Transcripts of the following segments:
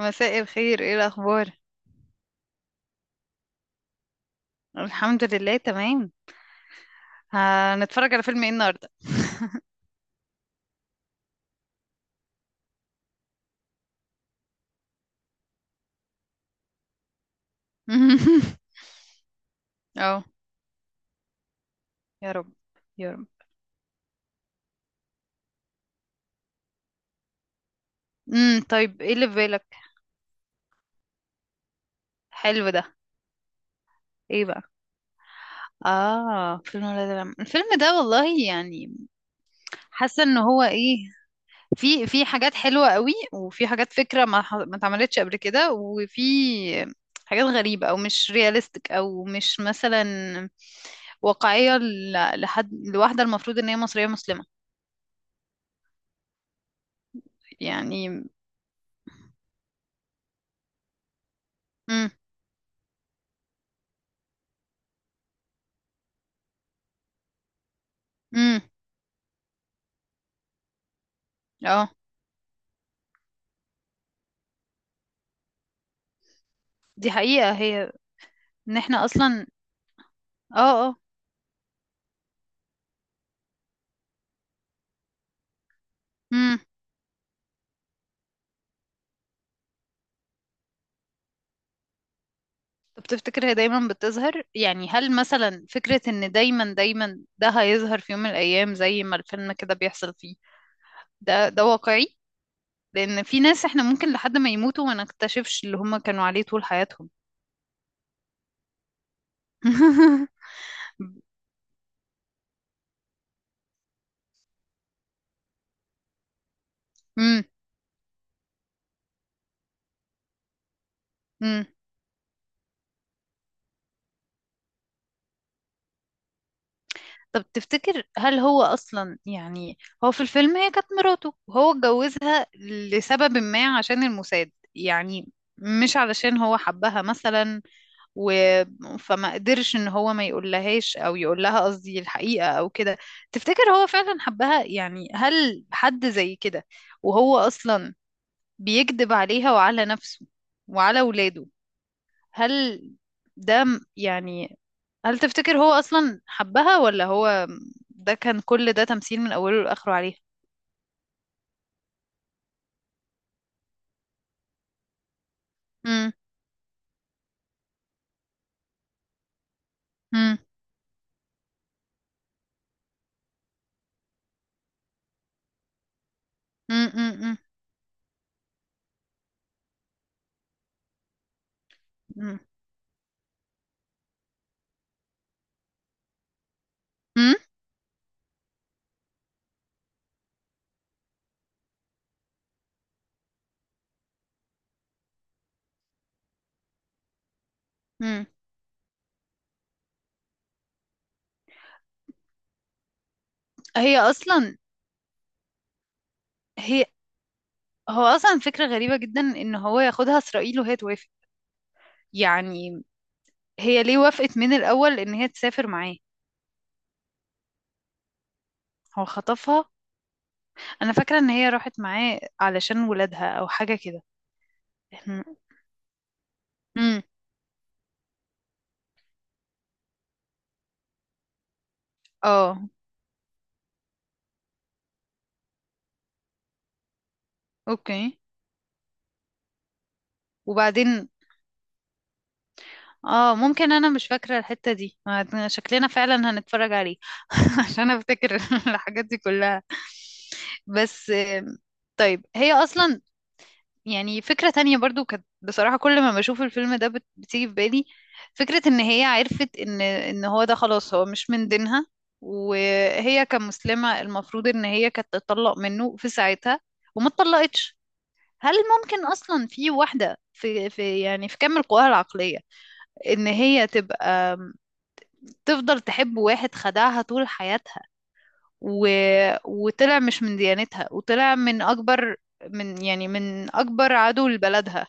مساء الخير، ايه الاخبار؟ الحمد لله تمام. هنتفرج على فيلم ايه النهارده؟ اه، يا رب، يا رب. طيب ايه اللي في بالك؟ حلو ده. ايه بقى؟ اه، فيلم ولاد العم الفيلم ده والله، حاسه ان هو ايه، في حاجات حلوه قوي، وفي حاجات فكره ما اتعملتش قبل كده، وفي حاجات غريبه او مش رياليستيك، او مش مثلا واقعيه، لحد لواحده المفروض ان هي مصريه مسلمه. يعني امم امم اه، دي حقيقة هي. ان احنا اصلا اه اه. امم طب تفتكر هي دايما بتظهر؟ يعني هل مثلا فكرة ان دايما دايما ده هيظهر في يوم من الايام زي ما الفيلم كده بيحصل فيه، ده ده واقعي؟ لان في ناس احنا ممكن لحد ما يموتوا ما نكتشفش اللي هم كانوا عليه طول حياتهم. امم طب تفتكر هل هو أصلا، يعني هو في الفيلم هي كانت مراته وهو اتجوزها لسبب ما عشان الموساد، يعني مش علشان هو حبها مثلا، و... فما قدرش ان هو ما يقولهاش، او يقول لها قصدي الحقيقة او كده. تفتكر هو فعلا حبها؟ يعني هل حد زي كده، وهو اصلا بيكذب عليها وعلى نفسه وعلى ولاده؟ هل ده يعني، هل تفتكر هو أصلا حبها، ولا هو ده كان، كل ده تمثيل من أوله لآخره عليها؟ مم. مم. مم. مم. مم. مم. مم. هي أصلا هي هو أصلا فكرة غريبة جدا إن هو ياخدها إسرائيل وهي توافق. يعني هي ليه وافقت من الأول إن هي تسافر معاه؟ هو خطفها. أنا فاكرة إن هي راحت معاه علشان ولادها أو حاجة كده. إحنا- مم. اه. اوكي. وبعدين؟ اه، ممكن انا مش فاكرة الحتة دي، شكلنا فعلا هنتفرج عليه عشان افتكر الحاجات دي كلها. بس آم، طيب هي اصلا، يعني فكرة تانية برضو كانت بصراحة كل ما بشوف الفيلم ده بتيجي في بالي، فكرة ان هي عرفت ان هو ده خلاص هو مش من دينها، وهي كمسلمة المفروض ان هي كانت تطلق منه في ساعتها وما اتطلقتش. هل ممكن اصلا في واحدة في يعني في كامل قواها العقلية ان هي تبقى تفضل تحب واحد خدعها طول حياتها، و... وطلع مش من ديانتها، وطلع من أكبر، من يعني من أكبر عدو لبلدها،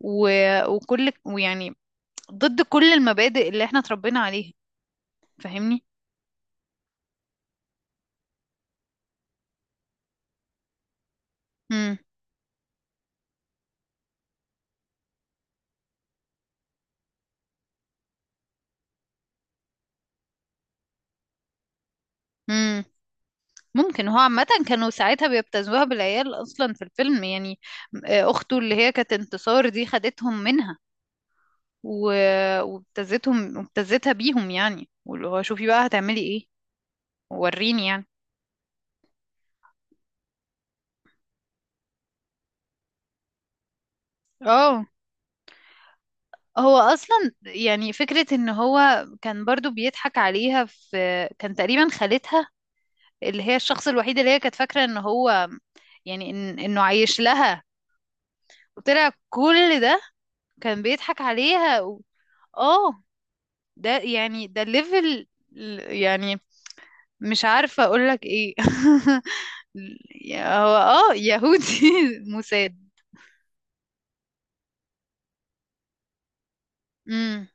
و... وكل، ويعني ضد كل المبادئ اللي احنا اتربينا عليها. فاهمني؟ مم. مم. ممكن هو عامة كانوا ساعتها بيبتزوها بالعيال أصلا في الفيلم، يعني آه، أخته اللي هي كانت انتصار دي خدتهم منها، و... وابتزتهم وابتزتها بيهم، يعني واللي هو شوفي بقى هتعملي ايه، وريني يعني. اه. هو اصلا، يعني فكرة ان هو كان برضو بيضحك عليها في، كان تقريبا خالتها اللي هي الشخص الوحيد اللي هي كانت فاكرة ان هو، يعني انه عايش لها، وطلع كل ده كان بيضحك عليها و... اه. ده يعني ده الليفل، يعني مش عارفة اقولك ايه. هو اه يهودي مساد. امم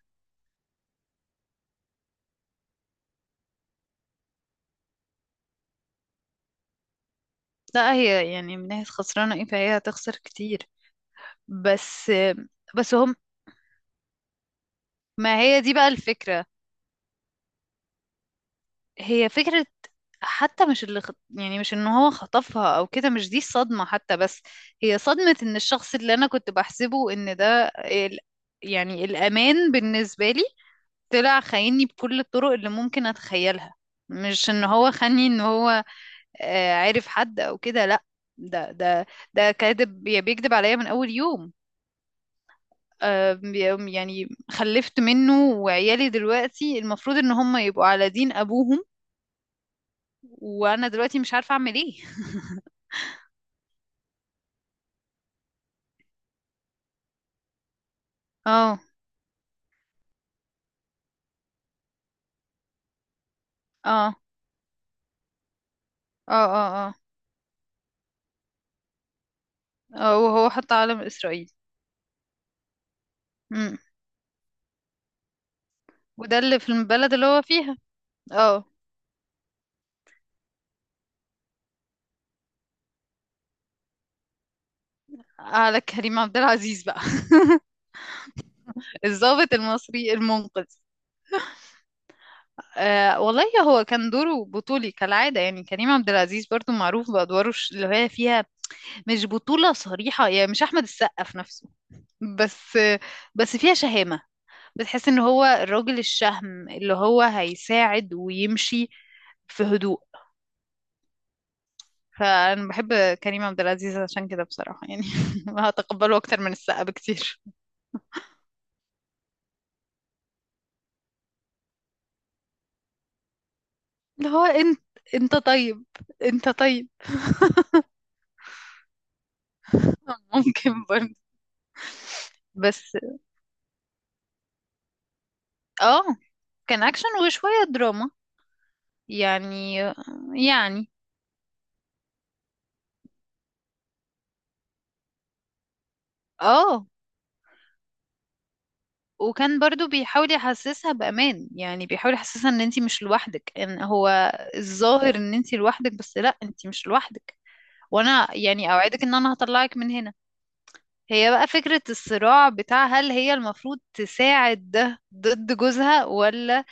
لا، هي يعني من ناحية خسرانة ايه، فهي هتخسر كتير، بس. بس هما، ما هي دي بقى الفكرة. هي فكرة حتى مش اللي يعني مش ان هو خطفها او كده مش دي الصدمة حتى، بس هي صدمة ان الشخص اللي انا كنت بحسبه ان ده يعني الامان بالنسبة لي، طلع خايني بكل الطرق اللي ممكن اتخيلها. مش ان هو خاني ان هو آه، عارف حد او كده، لا. ده ده كاذب، يعني بيكذب عليا من اول يوم. آه، يعني خلفت منه وعيالي دلوقتي المفروض ان هم يبقوا على دين ابوهم، وانا دلوقتي مش عارفة اعمل ايه. اه، اه، اه، اه، اه، اه. وهو حط علم اسرائيل. امم وده اللي في البلد اللي هو فيها. اه. على كريم عبد العزيز بقى. الضابط المصري المنقذ. آه والله. هو كان دوره بطولي كالعادة، يعني كريم عبد العزيز برضو معروف بأدواره اللي هي فيها مش بطولة صريحة، يعني مش أحمد السقا في نفسه، بس، بس فيها شهامة. بتحس ان هو الراجل الشهم اللي هو هيساعد ويمشي في هدوء. فأنا بحب كريم عبد العزيز عشان كده بصراحة، يعني هتقبله أكتر من السقا بكتير. اللي هو انت، انت طيب، انت طيب. ممكن برضه. بس اه، كان أكشن وشوية دراما يعني. يعني اه، وكان برضو بيحاول يحسسها بأمان، يعني بيحاول يحسسها ان انتي مش لوحدك، ان هو الظاهر ان انتي لوحدك، بس لا، انتي مش لوحدك، وانا يعني اوعدك ان انا هطلعك من هنا. هي بقى فكرة الصراع بتاع، هل هي المفروض تساعد ده ضد جوزها، ولا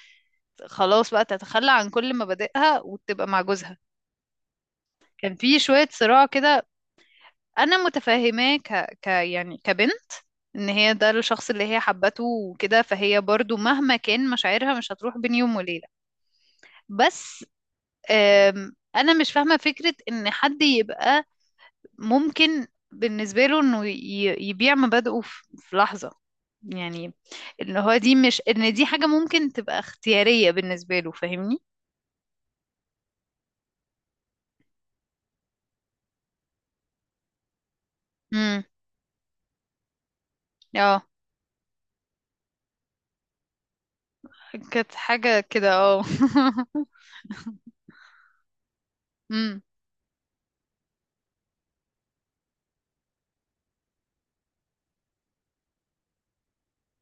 خلاص بقى تتخلى عن كل مبادئها وتبقى مع جوزها. كان في شوية صراع كده. أنا متفهماه ك... ك يعني كبنت، إن هي ده الشخص اللي هي حبته وكده، فهي برضو مهما كان مشاعرها مش هتروح بين يوم وليلة. بس آم، أنا مش فاهمة فكرة إن حد يبقى ممكن بالنسبة له انه يبيع مبادئه في لحظة، يعني ان هو دي مش ان دي حاجة ممكن تبقى اختيارية بالنسبة له. فاهمني؟ امم. اه، كانت حاجة كده اه. امم.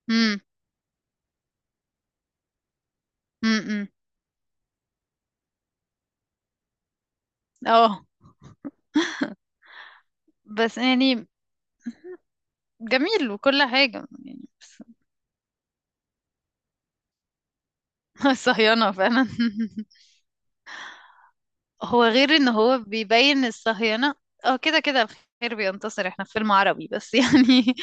امم. امم. اه. بس يعني جميل وكل حاجة، يعني بس. صهيانة فعلا. هو غير ان هو بيبين الصهيونة. اه كده كده الخير بينتصر، احنا في فيلم عربي بس يعني.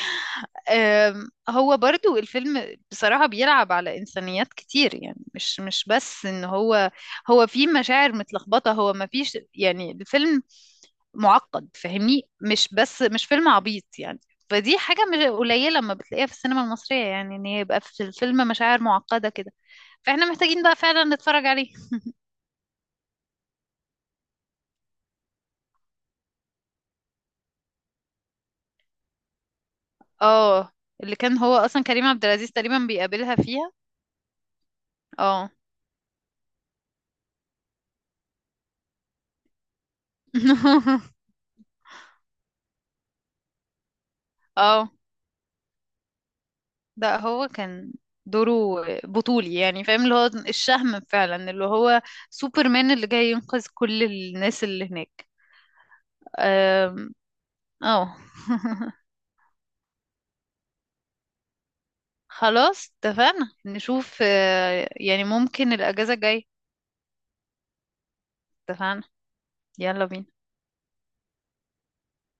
آم، هو برضو الفيلم بصراحة بيلعب على إنسانيات كتير، يعني مش، مش بس ان هو، هو في مشاعر متلخبطة، هو ما فيش، يعني الفيلم معقد، فاهمني؟ مش بس، مش فيلم عبيط يعني. فدي حاجة مش قليلة لما بتلاقيها في السينما المصرية، يعني ان يبقى في الفيلم مشاعر معقدة كده. فاحنا محتاجين بقى فعلا نتفرج عليه. اه، اللي كان هو اصلا كريم عبد العزيز تقريبا بيقابلها فيها. اه. اه. ده هو كان دوره بطولي، يعني فاهم اللي هو الشهم فعلا، اللي هو سوبرمان اللي جاي ينقذ كل الناس اللي هناك. أم، اه. خلاص اتفقنا نشوف. آه، يعني ممكن الأجازة الجاية. اتفقنا، يلا بينا.